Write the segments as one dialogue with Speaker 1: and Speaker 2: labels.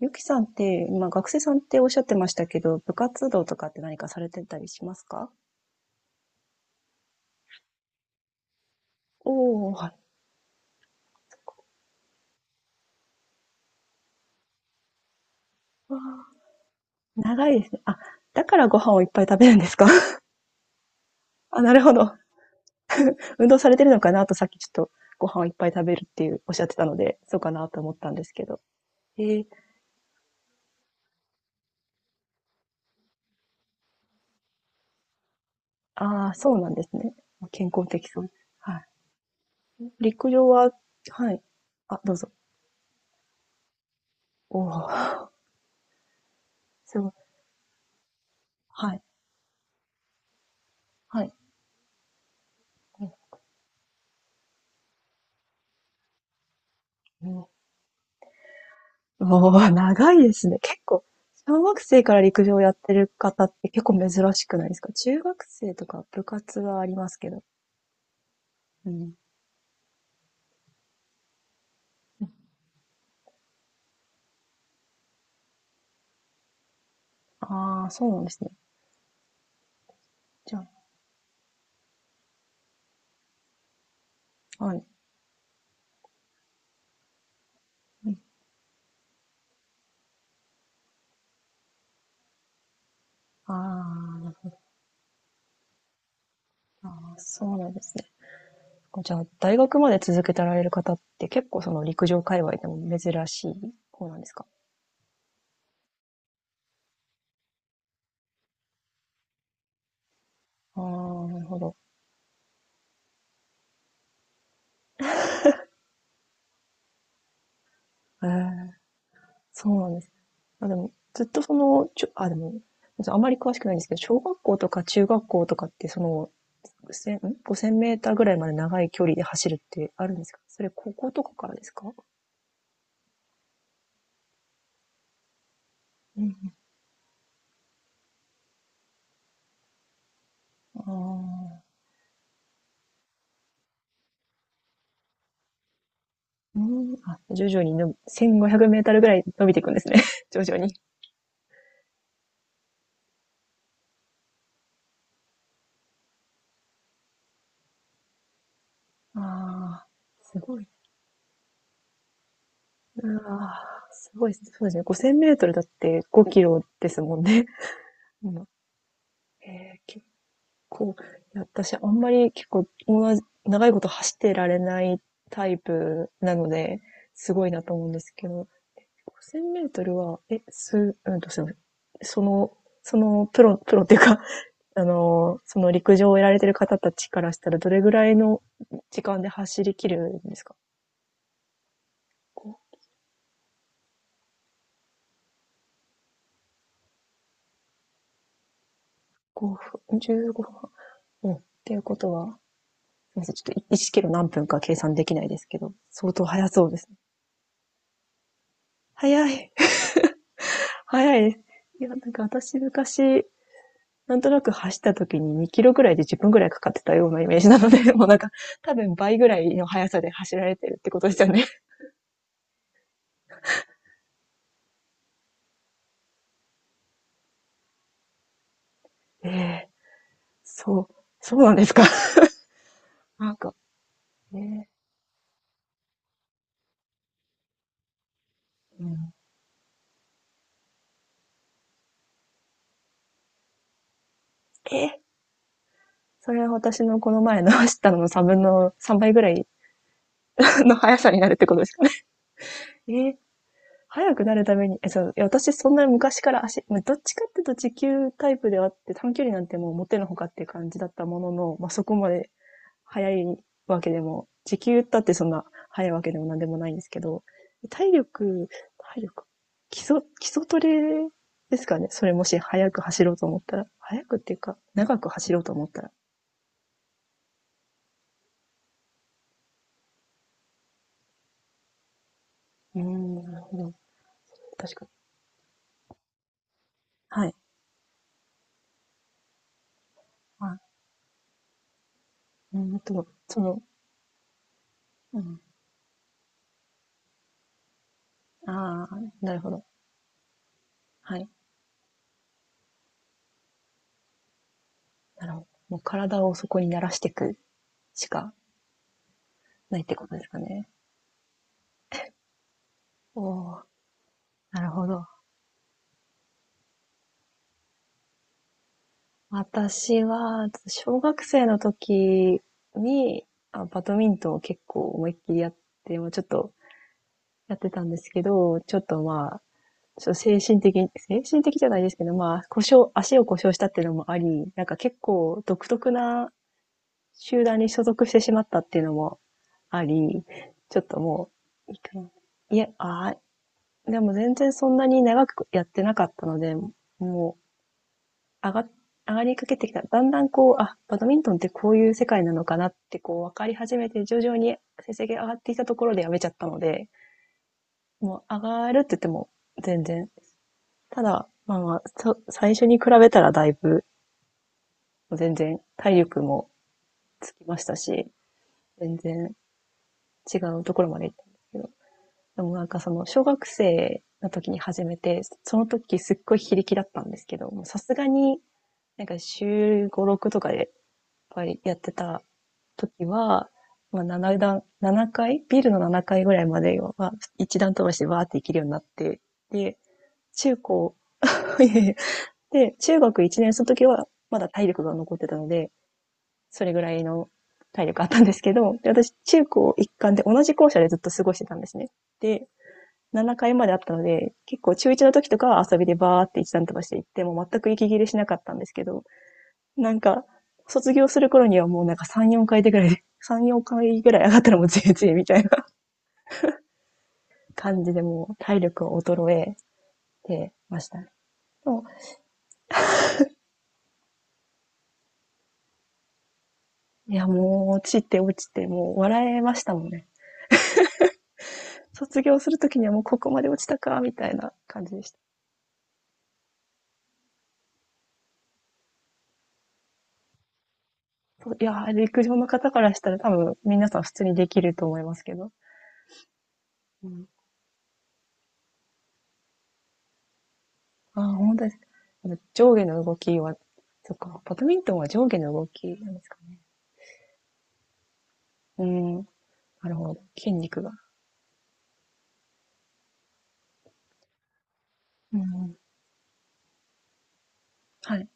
Speaker 1: ゆきさんって、今学生さんっておっしゃってましたけど、部活動とかって何かされてたりしますか？おおー、はい。わあ、長いですね。あ、だからご飯をいっぱい食べるんですか？ あ、なるほど。運動されてるのかなとさっきちょっとご飯をいっぱい食べるっていうおっしゃってたので、そうかなと思ったんですけど。えー、ああ、そうなんですね。健康的そう。はい。陸上は、はい。あ、どうぞ。おお、すごい。はい。はい。おお、長いですね。結構、小学生から陸上やってる方って結構珍しくないですか？中学生とか部活はありますけど。うん。ああ、そうなんですね。じゃあ、はい。うん。あー、あー、そうなんですね。じゃあ、大学まで続けてられる方って結構その陸上界隈でも珍しい方なんですか？ああ、なるほど。ええ、そうなんです。あ、でも、ずっとその、ちょ、あ、でも、あまり詳しくないんですけど、小学校とか中学校とかってその5000、んメーターぐらいまで長い距離で走るってあるんですか？それ、高校とかからですか？うん。あ、うん。あ、徐々にの、1500メーターぐらい伸びていくんですね。徐々に。あ。ああ、すごい。ああ、すごい。そうですね。5000メートルだって5キロですもんね。うん、結構、いや私あんまり結構、同じ長いこと走ってられないタイプなので、すごいなと思うんですけど、5000メートルは、え、す、うんと、すいません。その、プロっていうか、あの、その陸上をやられてる方たちからしたら、どれぐらいの時間で走り切るんですか？ ?5、5分、15分。うん。っていうことは、すいません。ちょっと1キロ何分か計算できないですけど、相当速そうですね。速い。速いです。いや、なんか私昔、なんとなく走った時に2キロぐらいで10分ぐらいかかってたようなイメージなので、もうなんか多分倍ぐらいの速さで走られてるってことですよね。ええー、そう、そうなんですか。なんか、ええ、うん、えー、それは私のこの前の走ったのの3分の3倍ぐらいの速さになるってことですかね。えー、速くなるために、え、そう、いや私そんな昔から足、どっちかっていうと持久タイプではあって短距離なんてもう持てのほかっていう感じだったものの、まあ、そこまで早いわけでも、時給だってそんな早いわけでもなんでもないんですけど、体力、体力、基礎、基礎トレですかね。それもし早く走ろうと思ったら、早くっていうか、長く走ろうと思ったら。うーん、なるほど。確かに。はい。あ、うん、でも、その、うん。ああ、なるほど。はい。なるほど。もう体をそこに慣らしていくしかないってことですかね。おお、なるほど。私は、小学生の時に、あ、バドミントンを結構思いっきりやって、もうちょっとやってたんですけど、ちょっとまあ、ちょっと精神的じゃないですけど、まあ、故障、足を故障したっていうのもあり、なんか結構独特な集団に所属してしまったっていうのもあり、ちょっともう、いいかな。いや、あー、でも全然そんなに長くやってなかったので、も上が、上がりかけてきた。だんだんこう、あ、バドミントンってこういう世界なのかなってこう分かり始めて、徐々に成績が上がってきたところでやめちゃったので、もう上がるって言っても全然。ただ、まあまあ、最初に比べたらだいぶ、全然体力もつきましたし、全然違うところまで行ったんですけど。でもなんかその小学生の時に始めて、その時すっごい非力だったんですけど、さすがになんか週5、6とかでぱりやってた時は、まあ、7階ビルの7階ぐらいまでは、1段飛ばしてバーって行けるようになって、で、中高、で、中学1年生の時は、まだ体力が残ってたので、それぐらいの体力あったんですけど、で私、中高一貫で同じ校舎でずっと過ごしてたんですね。で、7階まであったので、結構中1の時とかは遊びでバーって一段飛ばして行って、もう全く息切れしなかったんですけど、なんか、卒業する頃にはもうなんか3、4回でぐらいで、3、4回ぐらい上がったらもう全然みたいな 感じでもう体力を衰えてましたね。も、いやもう落ちて落ちてもう笑えましたもんね。卒業するときにはもうここまで落ちたか、みたいな感じでした。いやー、陸上の方からしたら多分皆さん普通にできると思いますけど。うん、ああ、本当です。上下の動きは、そっか、バドミントンは上下の動きなんですかね。うん、なるほど。筋肉が。うん、はい。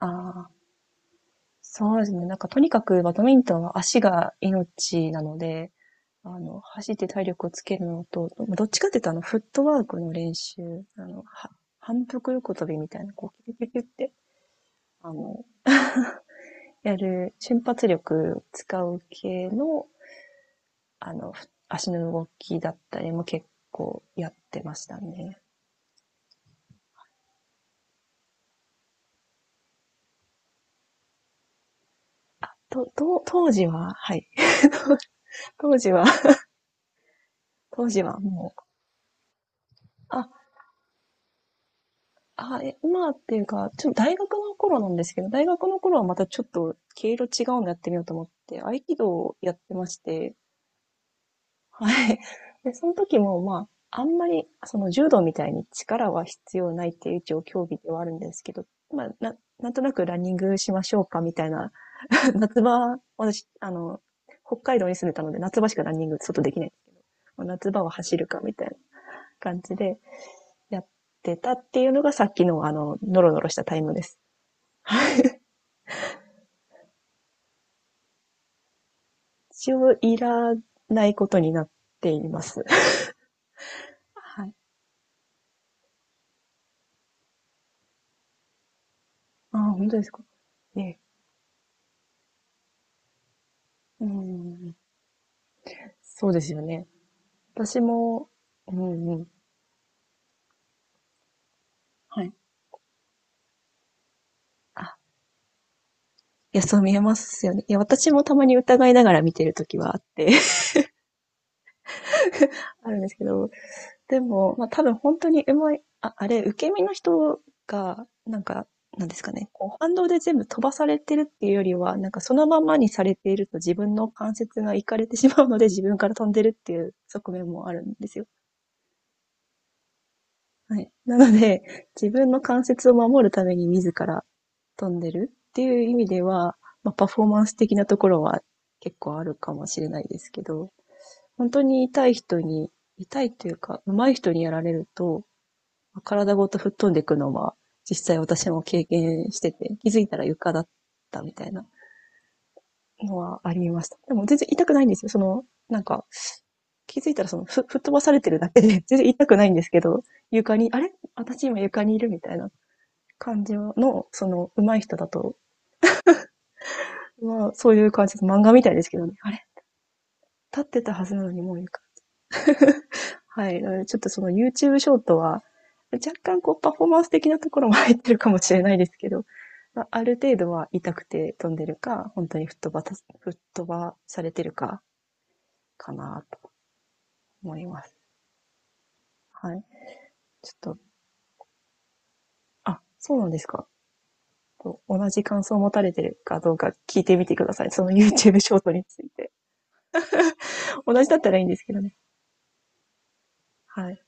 Speaker 1: ああ、そうですね。なんかとにかくバドミントンは足が命なので、あの、走って体力をつけるのと、どっちかっていうとあの、フットワークの練習、あの、反復横跳びみたいな、こう、キュキュキュキュって、あの、やる瞬発力を使う系の、あの、足の動きだったりも結構やってましたね。当時は、はい。当時は、当時はもう、あ、今っていうか、ちょっと大学の頃なんですけど、大学の頃はまたちょっと毛色違うのやってみようと思って、合気道をやってまして、はい。で、その時も、まあ、あんまり、その柔道みたいに力は必要ないっていう一応競技ではあるんですけど、まあ、なんとなくランニングしましょうかみたいな、夏場、私、あの、北海道に住んでたので、夏場しかランニング外できない。まあ夏場は走るかみたいな感じでやってたっていうのがさっきのあの、ノロノロしたタイムです。一応いらないことになっています。はい。ああ、本当ですか。ね、うん。そうですよね。私も、うんうん。はい。あ、いや、そう見えますよね。いや、私もたまに疑いながら見てるときはあって、あるんですけど、でも、まあ多分本当にうまい、あ、あれ、受け身の人が、なんですかね、こう反動で全部飛ばされてるっていうよりは、なんかそのままにされていると自分の関節がいかれてしまうので自分から飛んでるっていう側面もあるんですよ。はい。なので、自分の関節を守るために自ら飛んでるっていう意味では、まあ、パフォーマンス的なところは結構あるかもしれないですけど、本当に痛い人に、痛いというか、上手い人にやられると、まあ体ごと吹っ飛んでいくのは、実際私も経験してて、気づいたら床だったみたいなのはありました。でも全然痛くないんですよ。その、なんか、気づいたらその、吹っ飛ばされてるだけで、全然痛くないんですけど、床に、あれ私今床にいるみたいな感じの、その、上手い人だと、まあ、そういう感じです、漫画みたいですけどね。あれ、立ってたはずなのにもういはい。ちょっとその YouTube ショートは、若干こうパフォーマンス的なところも入ってるかもしれないですけど、まあ、ある程度は痛くて飛んでるか、本当に吹っ飛ばされてるか、かなと思います。はい。ちょっと、あ、そうなんですか。同じ感想を持たれてるかどうか聞いてみてください。その YouTube ショートについて。同じだったらいいんですけどね。はい。